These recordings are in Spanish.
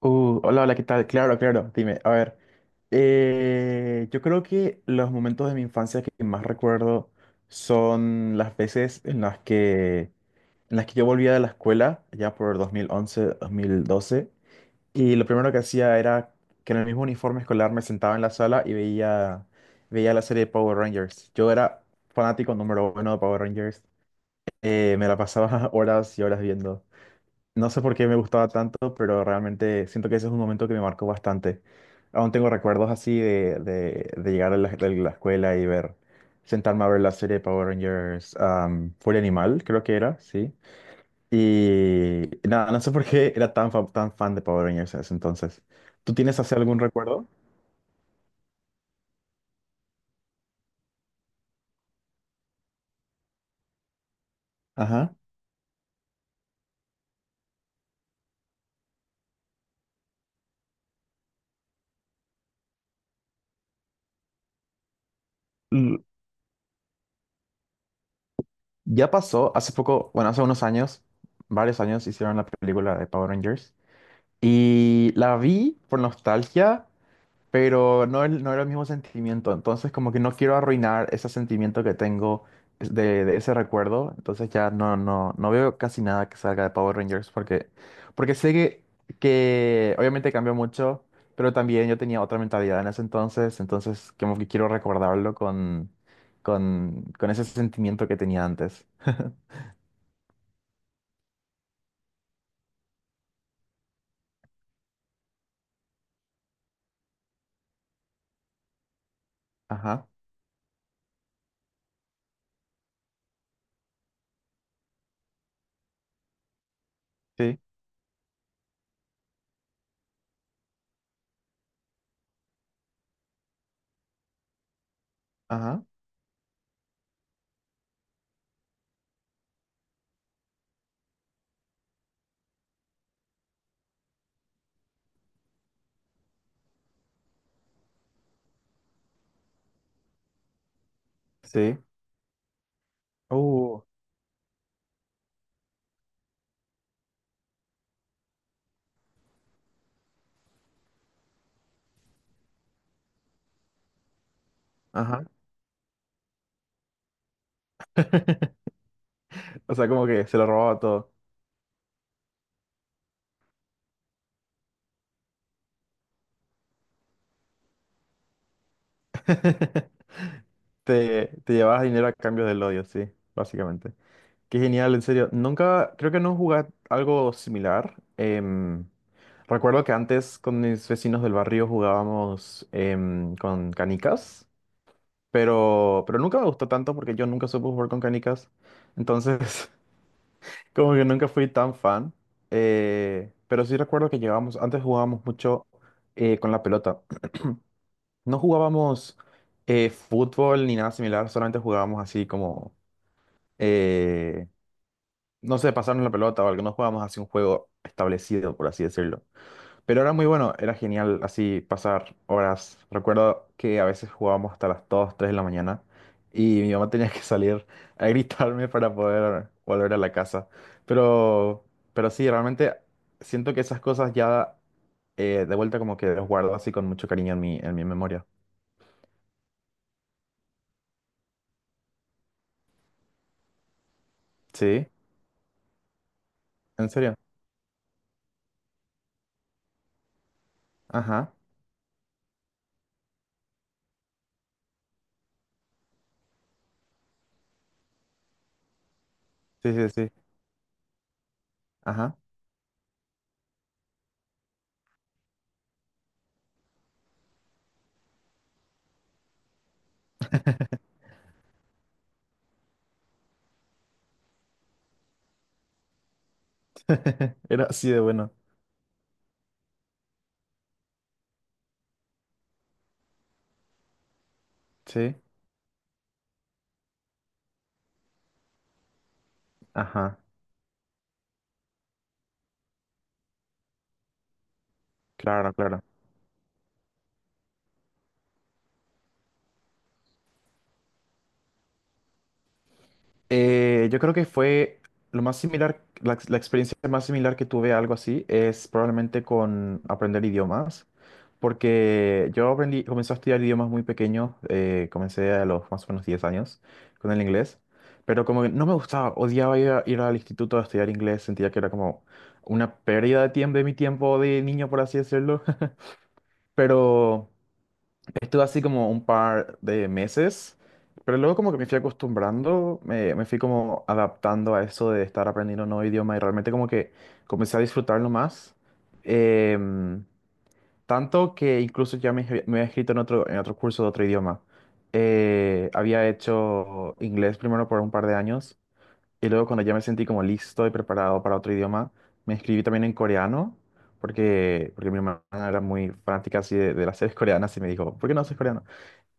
Hola, hola, ¿qué tal? Claro, claro, dime, a ver, yo creo que los momentos de mi infancia que más recuerdo son las veces en las que yo volvía de la escuela, ya por 2011, 2012, y lo primero que hacía era que en el mismo uniforme escolar me sentaba en la sala y veía la serie de Power Rangers. Yo era fanático número uno de Power Rangers, me la pasaba horas y horas viendo. No sé por qué me gustaba tanto, pero realmente siento que ese es un momento que me marcó bastante. Aún tengo recuerdos así de llegar de la escuela y sentarme a ver la serie de Power Rangers, Furia Animal, creo que era, sí. Y nada, no sé por qué era tan, tan fan de Power Rangers en ese entonces. ¿Tú tienes así algún recuerdo? Ajá. L- Ya pasó, hace poco, bueno, hace unos años, varios años hicieron la película de Power Rangers. Y la vi por nostalgia, pero no, no era el mismo sentimiento. Entonces, como que no quiero arruinar ese sentimiento que tengo de ese recuerdo. Entonces ya no, no, no veo casi nada que salga de Power Rangers porque, porque sé que obviamente cambió mucho, pero también yo tenía otra mentalidad en ese entonces. Entonces, como que quiero recordarlo con ese sentimiento que tenía antes. Ajá, sí, ajá, sí. Uh, ajá. O sea, como que se lo robaba todo. Te llevabas dinero a cambio del odio, sí, básicamente. Qué genial, en serio. Nunca, creo que no jugué algo similar. Recuerdo que antes con mis vecinos del barrio jugábamos con canicas, pero nunca me gustó tanto porque yo nunca supe jugar con canicas. Entonces, como que nunca fui tan fan. Pero sí recuerdo que llevábamos, antes jugábamos mucho con la pelota. No jugábamos fútbol ni nada similar, solamente jugábamos así como eh, no sé, pasarnos la pelota o algo, no jugábamos así un juego establecido, por así decirlo. Pero era muy bueno, era genial así pasar horas. Recuerdo que a veces jugábamos hasta las 2 3 de la mañana y mi mamá tenía que salir a gritarme para poder volver a la casa. Pero, pero sí, realmente siento que esas cosas ya de vuelta como que las guardo así con mucho cariño en mi, memoria. Sí, en serio. Ajá. Sí, sí, sí. Ajá. Era así de bueno. Sí. Ajá, claro, claro. Yo creo que fue lo más similar, la experiencia más similar que tuve a algo así es probablemente con aprender idiomas, porque yo aprendí, comencé a estudiar idiomas muy pequeño, comencé a los más o menos 10 años con el inglés, pero como que no me gustaba, odiaba ir, ir al instituto a estudiar inglés, sentía que era como una pérdida de tiempo, de mi tiempo de niño, por así decirlo, pero... Estuve así como un par de meses, pero luego como que me fui acostumbrando, me fui como adaptando a eso de estar aprendiendo un nuevo idioma y realmente como que comencé a disfrutarlo más. Em, Tanto que incluso ya me había escrito en otro, curso de otro idioma. Había hecho inglés primero por un par de años y luego cuando ya me sentí como listo y preparado para otro idioma, me inscribí también en coreano. Porque, porque mi hermana era muy fanática así de las series coreanas y me dijo, ¿por qué no haces coreano?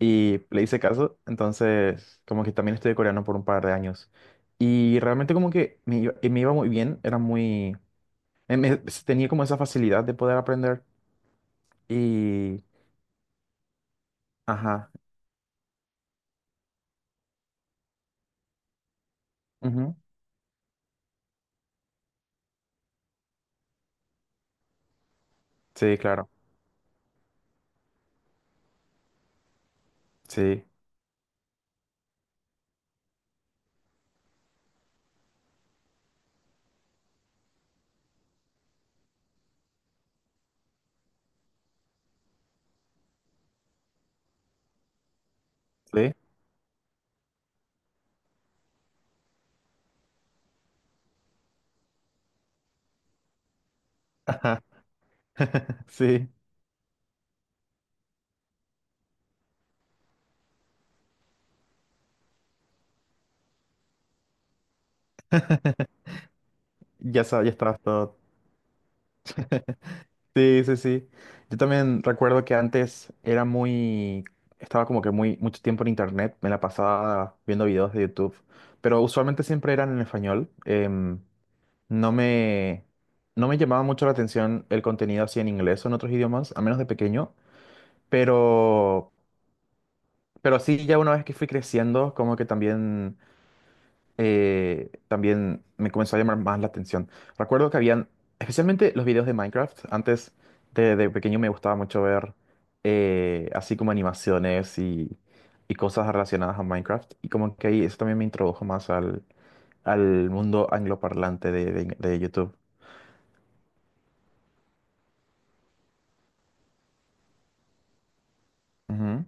Y le hice caso, entonces como que también estudié coreano por un par de años. Y realmente como que me iba muy bien, era muy... me- me- tenía como esa facilidad de poder aprender y... Ajá. Ujú. Sí, claro. Sí. Sí. Ajá. Sí. Ya sabes, ya estabas todo. Sí, sí, sí. Yo también recuerdo que antes era muy... Estaba como que muy mucho tiempo en internet, me la pasaba viendo videos de YouTube, pero usualmente siempre eran en español. No no me llamaba mucho la atención el contenido así en inglés o en otros idiomas, a menos de pequeño, pero, sí, ya una vez que fui creciendo, como que también, también me comenzó a llamar más la atención. Recuerdo que habían, especialmente los videos de Minecraft, antes de pequeño me gustaba mucho ver así como animaciones y cosas relacionadas a Minecraft, y como que ahí eso también me introdujo más al mundo angloparlante de YouTube. Ujú.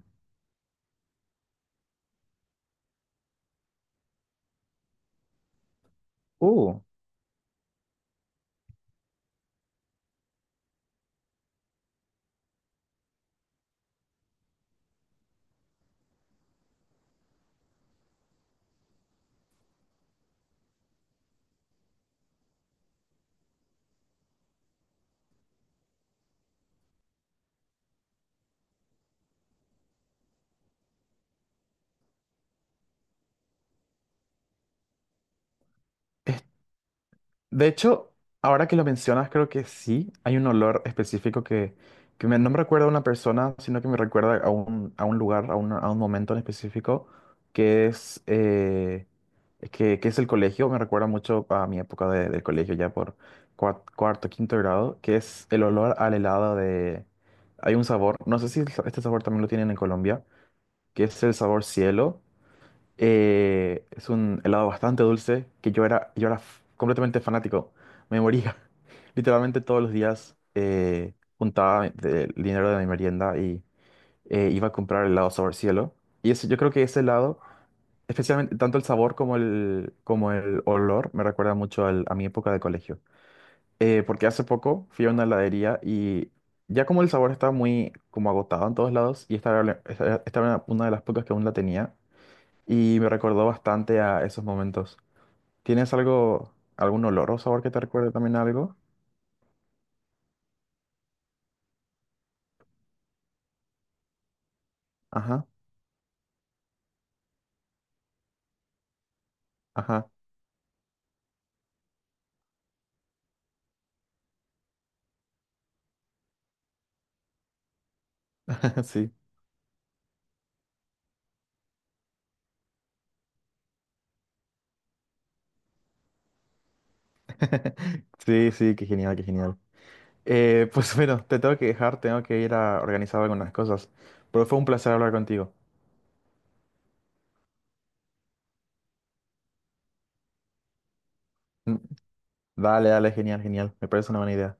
De hecho, ahora que lo mencionas, creo que sí, hay un olor específico que, no me recuerda a una persona, sino que me recuerda a un, lugar, a un momento en específico, que es, eh, que es el colegio, me recuerda mucho a mi época de colegio, ya por cuarto, quinto grado, que es el olor al helado de... Hay un sabor, no sé si este sabor también lo tienen en Colombia, que es el sabor cielo, es un helado bastante dulce que completamente fanático. Me moría. Literalmente todos los días juntaba el dinero de mi merienda y iba a comprar helado sabor cielo. Y eso, yo creo que ese helado, especialmente tanto el sabor como el olor, me recuerda mucho a mi época de colegio. Porque hace poco fui a una heladería y ya como el sabor estaba muy como agotado en todos lados y esta era, la- esta era una de las pocas que aún la tenía y me recordó bastante a esos momentos. ¿Tienes algo, algún olor o sabor que te recuerde también a algo? Ajá, ajá, sí. Sí, sí, qué genial, qué genial. Pues bueno, te tengo que dejar, tengo que ir a organizar algunas cosas, pero fue un placer hablar contigo. Mm, Dale, dale, genial, genial, me parece una buena idea.